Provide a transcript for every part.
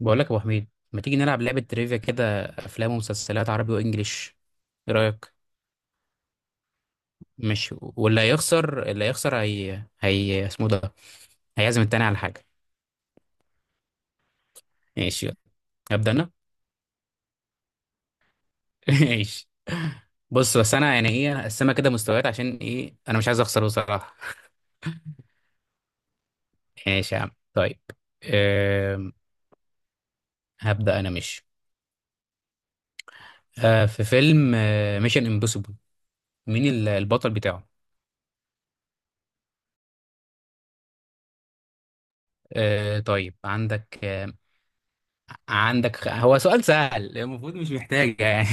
بقول لك يا ابو حميد، ما تيجي نلعب لعبه تريفيا كده، افلام ومسلسلات عربي وانجليش؟ ايه رايك؟ ماشي، واللي هيخسر اللي هيخسر هي اسمه ده، هيعزم التاني على حاجه. ماشي يلا. ابدا انا. ماشي. بص، بس انا يعني ايه، هقسمها كده مستويات، عشان ايه؟ انا مش عايز اخسر بصراحه. ماشي يا عم، طيب. أم... هبدا انا مش أه في فيلم ميشن امبوسيبل، مين البطل بتاعه؟ أه طيب، عندك عندك هو سؤال سهل المفروض، مش محتاجة يعني.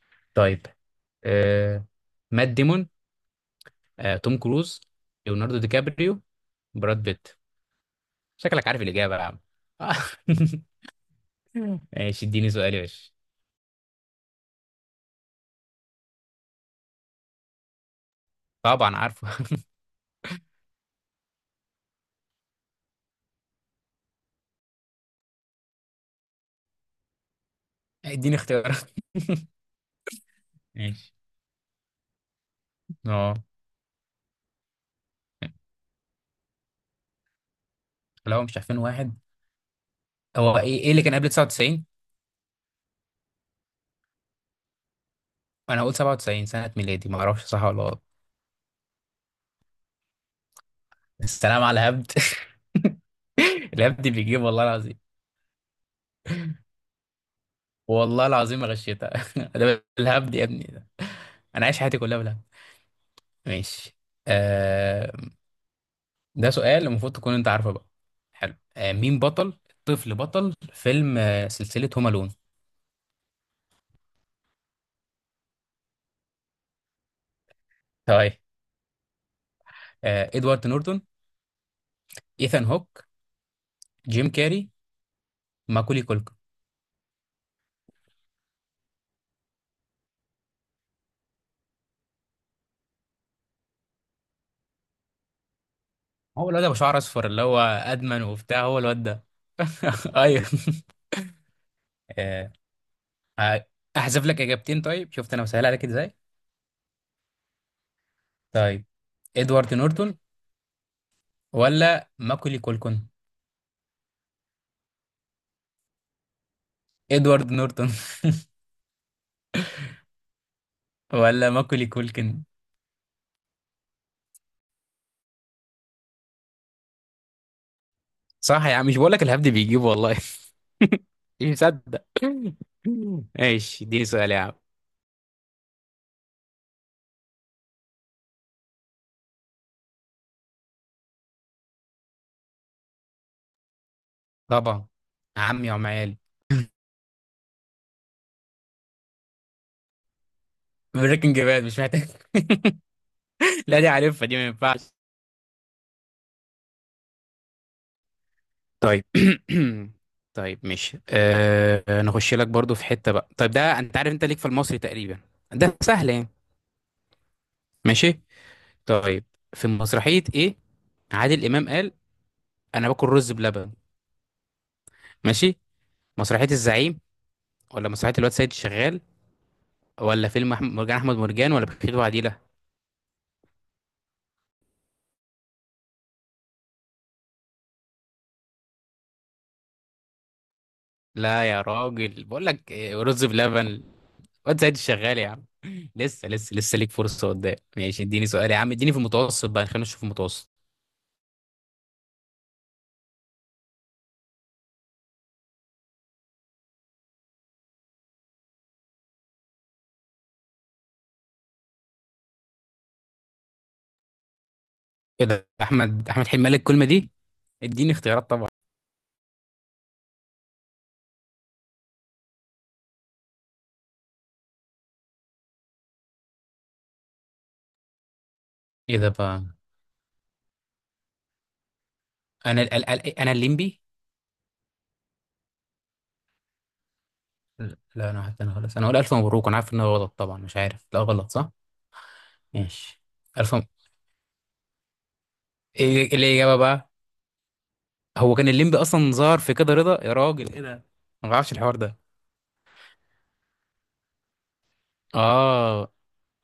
طيب. آه... مات ديمون، توم كروز، ليوناردو دي كابريو، براد بيت؟ شكلك عارف الإجابة يا عم. آه. ماشي، اديني سؤال يا باشا. طبعا عارفه. اديني اختيارات. ماشي. اه. لو مش عارفين واحد، هو ايه اللي كان قبل 99؟ انا هقول 97 سنة ميلادي، ما اعرفش صح ولا غلط. السلام على الهبد. الهبد بيجيب والله العظيم. والله العظيم ما غشيتها. ده بالهبد يا ابني ده، انا عايش حياتي كلها بالهبد. ماشي. آه، ده سؤال المفروض تكون انت عارفه بقى. حلو، آه مين بطل، طفل بطل فيلم آه سلسلة هوم الون؟ طيب، آه ادوارد نورتون، ايثان هوك، جيم كاري، ماكولي كولكن؟ هو الواد ابو شعر اصفر اللي هو ادمن وبتاع، هو الواد ده. ايوه. آه. آه، احذف لك اجابتين، طيب شفت انا بسهل عليك ازاي؟ طيب، ادوارد نورتون ولا ماكولي كولكن؟ ادوارد نورتون. ولا ماكولي كولكن؟ صح يا عم، مش بقول لك الهبد بيجيب والله. مش مصدق. ماشي، اديني سؤال يا عم. طبعا، عمي وعمال. بريكنج باد، مش محتاج. لا دي عارفها دي، ما ينفعش. طيب. طيب ماشي، أه نخش لك برضو في حتة بقى، طيب ده انت عارف، انت ليك في المصري تقريبا، ده سهل يعني. ماشي. طيب، في مسرحية ايه عادل امام قال انا باكل رز بلبن؟ ماشي، مسرحية الزعيم ولا مسرحية الواد سيد الشغال ولا فيلم أحمد مرجان أحمد مرجان ولا بخيت وعديلة؟ لا يا راجل، بقول لك إيه، رز بلبن. واد سيد الشغال يا عم. لسه لسه لسه ليك فرصة قدام. ماشي اديني سؤال يا عم، اديني في المتوسط بقى، خلينا نشوف المتوسط. ايه ده، أحمد أحمد حلمي قال لك الكلمة دي؟ اديني اختيارات طبعا. ايه ده بقى؟ انا ال ال ال انا الليمبي. لا لا، انا حتى انا خلاص انا اقول الف مبروك، انا عارف ان هو غلط طبعا، مش عارف لا غلط صح. ماشي. الف م... ايه، إيه الاجابه بقى؟ هو كان الليمبي اصلا ظهر في كده رضا يا راجل، ايه ده؟ انا ما بعرفش الحوار ده. اه،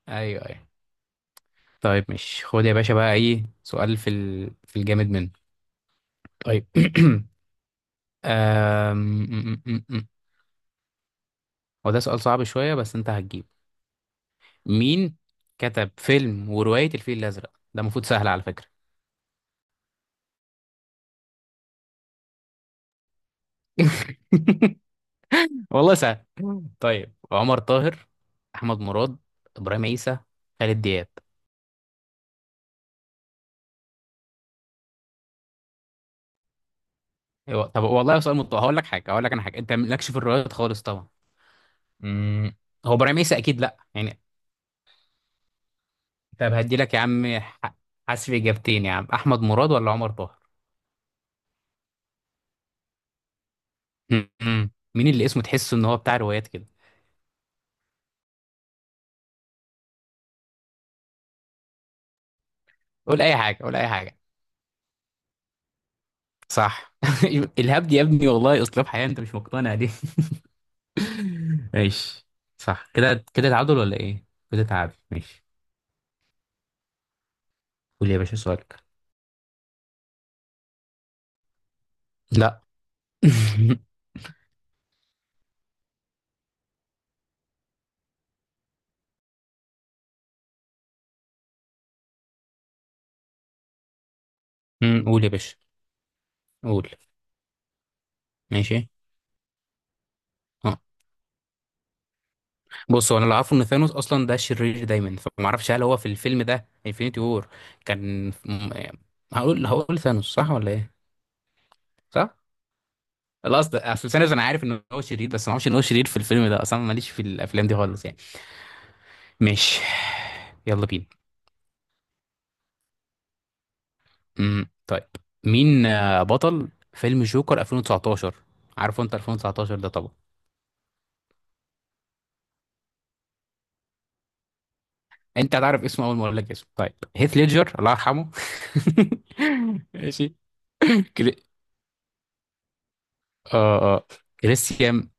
ايوه ايوه. طيب مش خد يا باشا بقى، ايه سؤال في الجامد منه. طيب. آم، م- م- م- م. هو ده سؤال صعب شويه بس انت هتجيب. مين كتب فيلم وروايه الفيل الازرق؟ ده المفروض سهل على فكره. والله سهل. طيب، عمر طاهر، احمد مراد، ابراهيم عيسى، خالد دياب؟ أيوة، طب والله سؤال مت... هقول لك حاجه، هقول لك انا حاجه، انت مالكش في الروايات خالص طبعا. مم. هو ابراهيم عيسى اكيد لا يعني. طب هدي لك يا عم، حذف اجابتين يا عم، احمد مراد ولا عمر طاهر؟ مم. مين اللي اسمه تحسه ان هو بتاع روايات كده؟ قول اي حاجه، قول اي حاجه. صح. الهبد يا ابني والله اسلوب حياه، انت مش مقتنع دي. ماشي. صح، كده كده تعادل ولا ايه؟ كده تعادل، ماشي. قول يا باشا سؤالك. لا. مم. قول يا باشا. قول. ماشي. بص، هو انا اللي اعرفه ان ثانوس اصلا ده شرير دايما، فما اعرفش هل هو في الفيلم ده انفينيتي وور كان م- هقول، هقول ثانوس صح ولا ايه؟ صح. لا اصل، اصل ثانوس انا عارف ان هو شرير، بس ما اعرفش ان هو شرير في الفيلم ده اصلا، ماليش في الافلام دي خالص يعني. ماشي. يلا بينا. طيب، مين بطل فيلم جوكر 2019؟ عارفه انت 2019 ده طبعا. انت هتعرف اسمه اول ما اقول لك اسمه، طيب هيث ليدجر الله يرحمه. ماشي. كري... اه اه، كريستيان،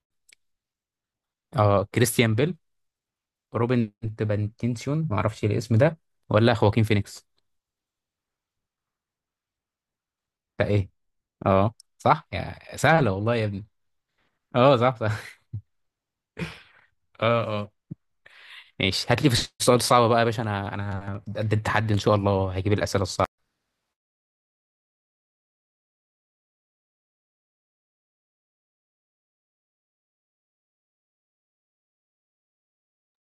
اه كريستيان بيل، روبن، تبنتينسيون ما اعرفش الاسم ده، ولا خواكين فينيكس؟ فايه. اه صح، يا سهله والله يا ابني. اه صح صح. اه اه. ماشي، هات لي في السؤال الصعب بقى يا باشا، انا انا قد التحدي ان شاء الله، هجيب الاسئله الصعبه.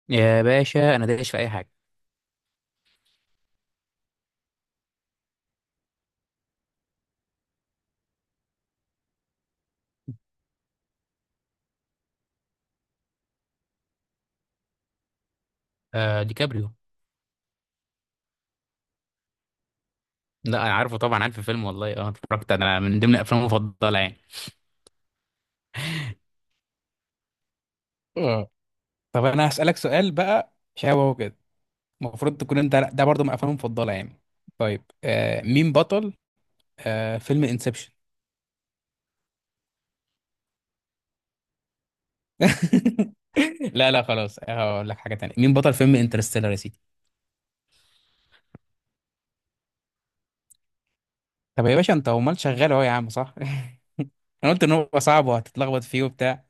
يا باشا انا دايش في اي حاجه. آه دي كابريو. لا انا عارفه طبعا، عارف الفيلم والله، اه اتفرجت انا، من ضمن افلامي المفضله يعني. اه. طب انا هسألك سؤال بقى شبهه كده، المفروض تكون انت ده برضه من افلامي المفضله يعني. طيب آه مين بطل آه فيلم انسبشن؟ لا لا خلاص، هقول لك حاجة تانية، مين بطل فيلم انترستيلر يا سيدي؟ طب يا باشا انت امال شغال اهو يا عم، صح. انا قلت ان هو صعب وهتتلخبط فيه وبتاع.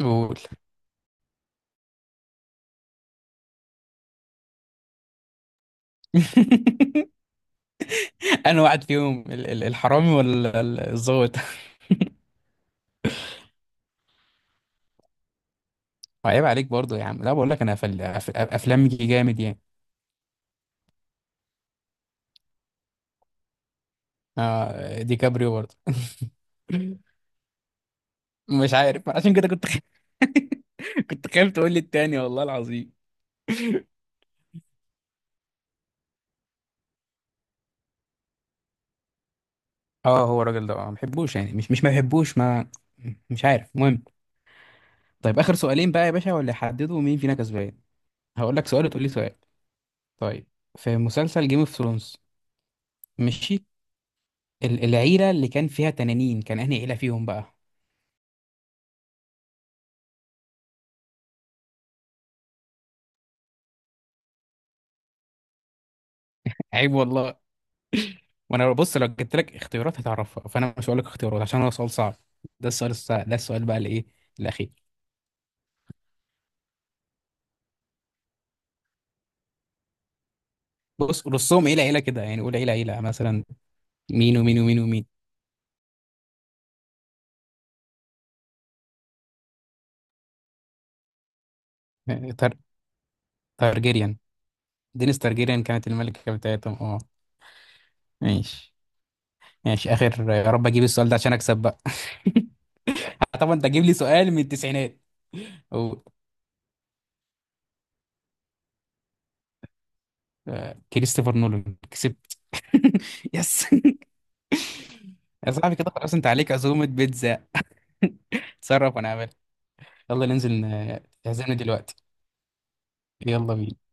قول. انا واحد فيهم، الحرامي ولا الظابط؟ عيب عليك برضو يا عم، لا بقول لك انا افلام جامد يعني. آه دي كابريو برضو. مش عارف، عشان كده كنت خايف تقول لي التاني والله العظيم. اه هو الراجل ده اه ما بحبوش يعني، مش مش ما بحبوش ما، مش عارف المهم. طيب اخر سؤالين بقى يا باشا، واللي يحددوا مين فينا كسبان. هقول لك سؤال وتقول لي سؤال. طيب، في مسلسل جيم اوف ثرونز، ماشي، العيله اللي كان فيها تنانين، كان انهي عيله فيهم بقى؟ عيب والله. وانا بص، لو جبت لك اختيارات هتعرفها، فانا مش هقول لك اختيارات عشان هو سؤال صعب. ده السؤال الصعب، ده السؤال بقى اللي ايه، الاخير. بص رصهم عيله عيله كده يعني، قول عيله عيله مثلا، مين ومين ومين ومين. تار... تارجيريان. دينيس تارجيريان كانت الملكه بتاعتهم اه. ماشي. ماشي، اخر يا رب اجيب السؤال ده عشان اكسب بقى. طبعا انت تجيب لي سؤال من التسعينات. او، كريستوفر نولان. كسبت. يس. يا صاحبي كده خلاص، انت عليك عزومة بيتزا. اتصرف، وانا اعمل. يلا ننزل تعزمني دلوقتي. يلا بينا.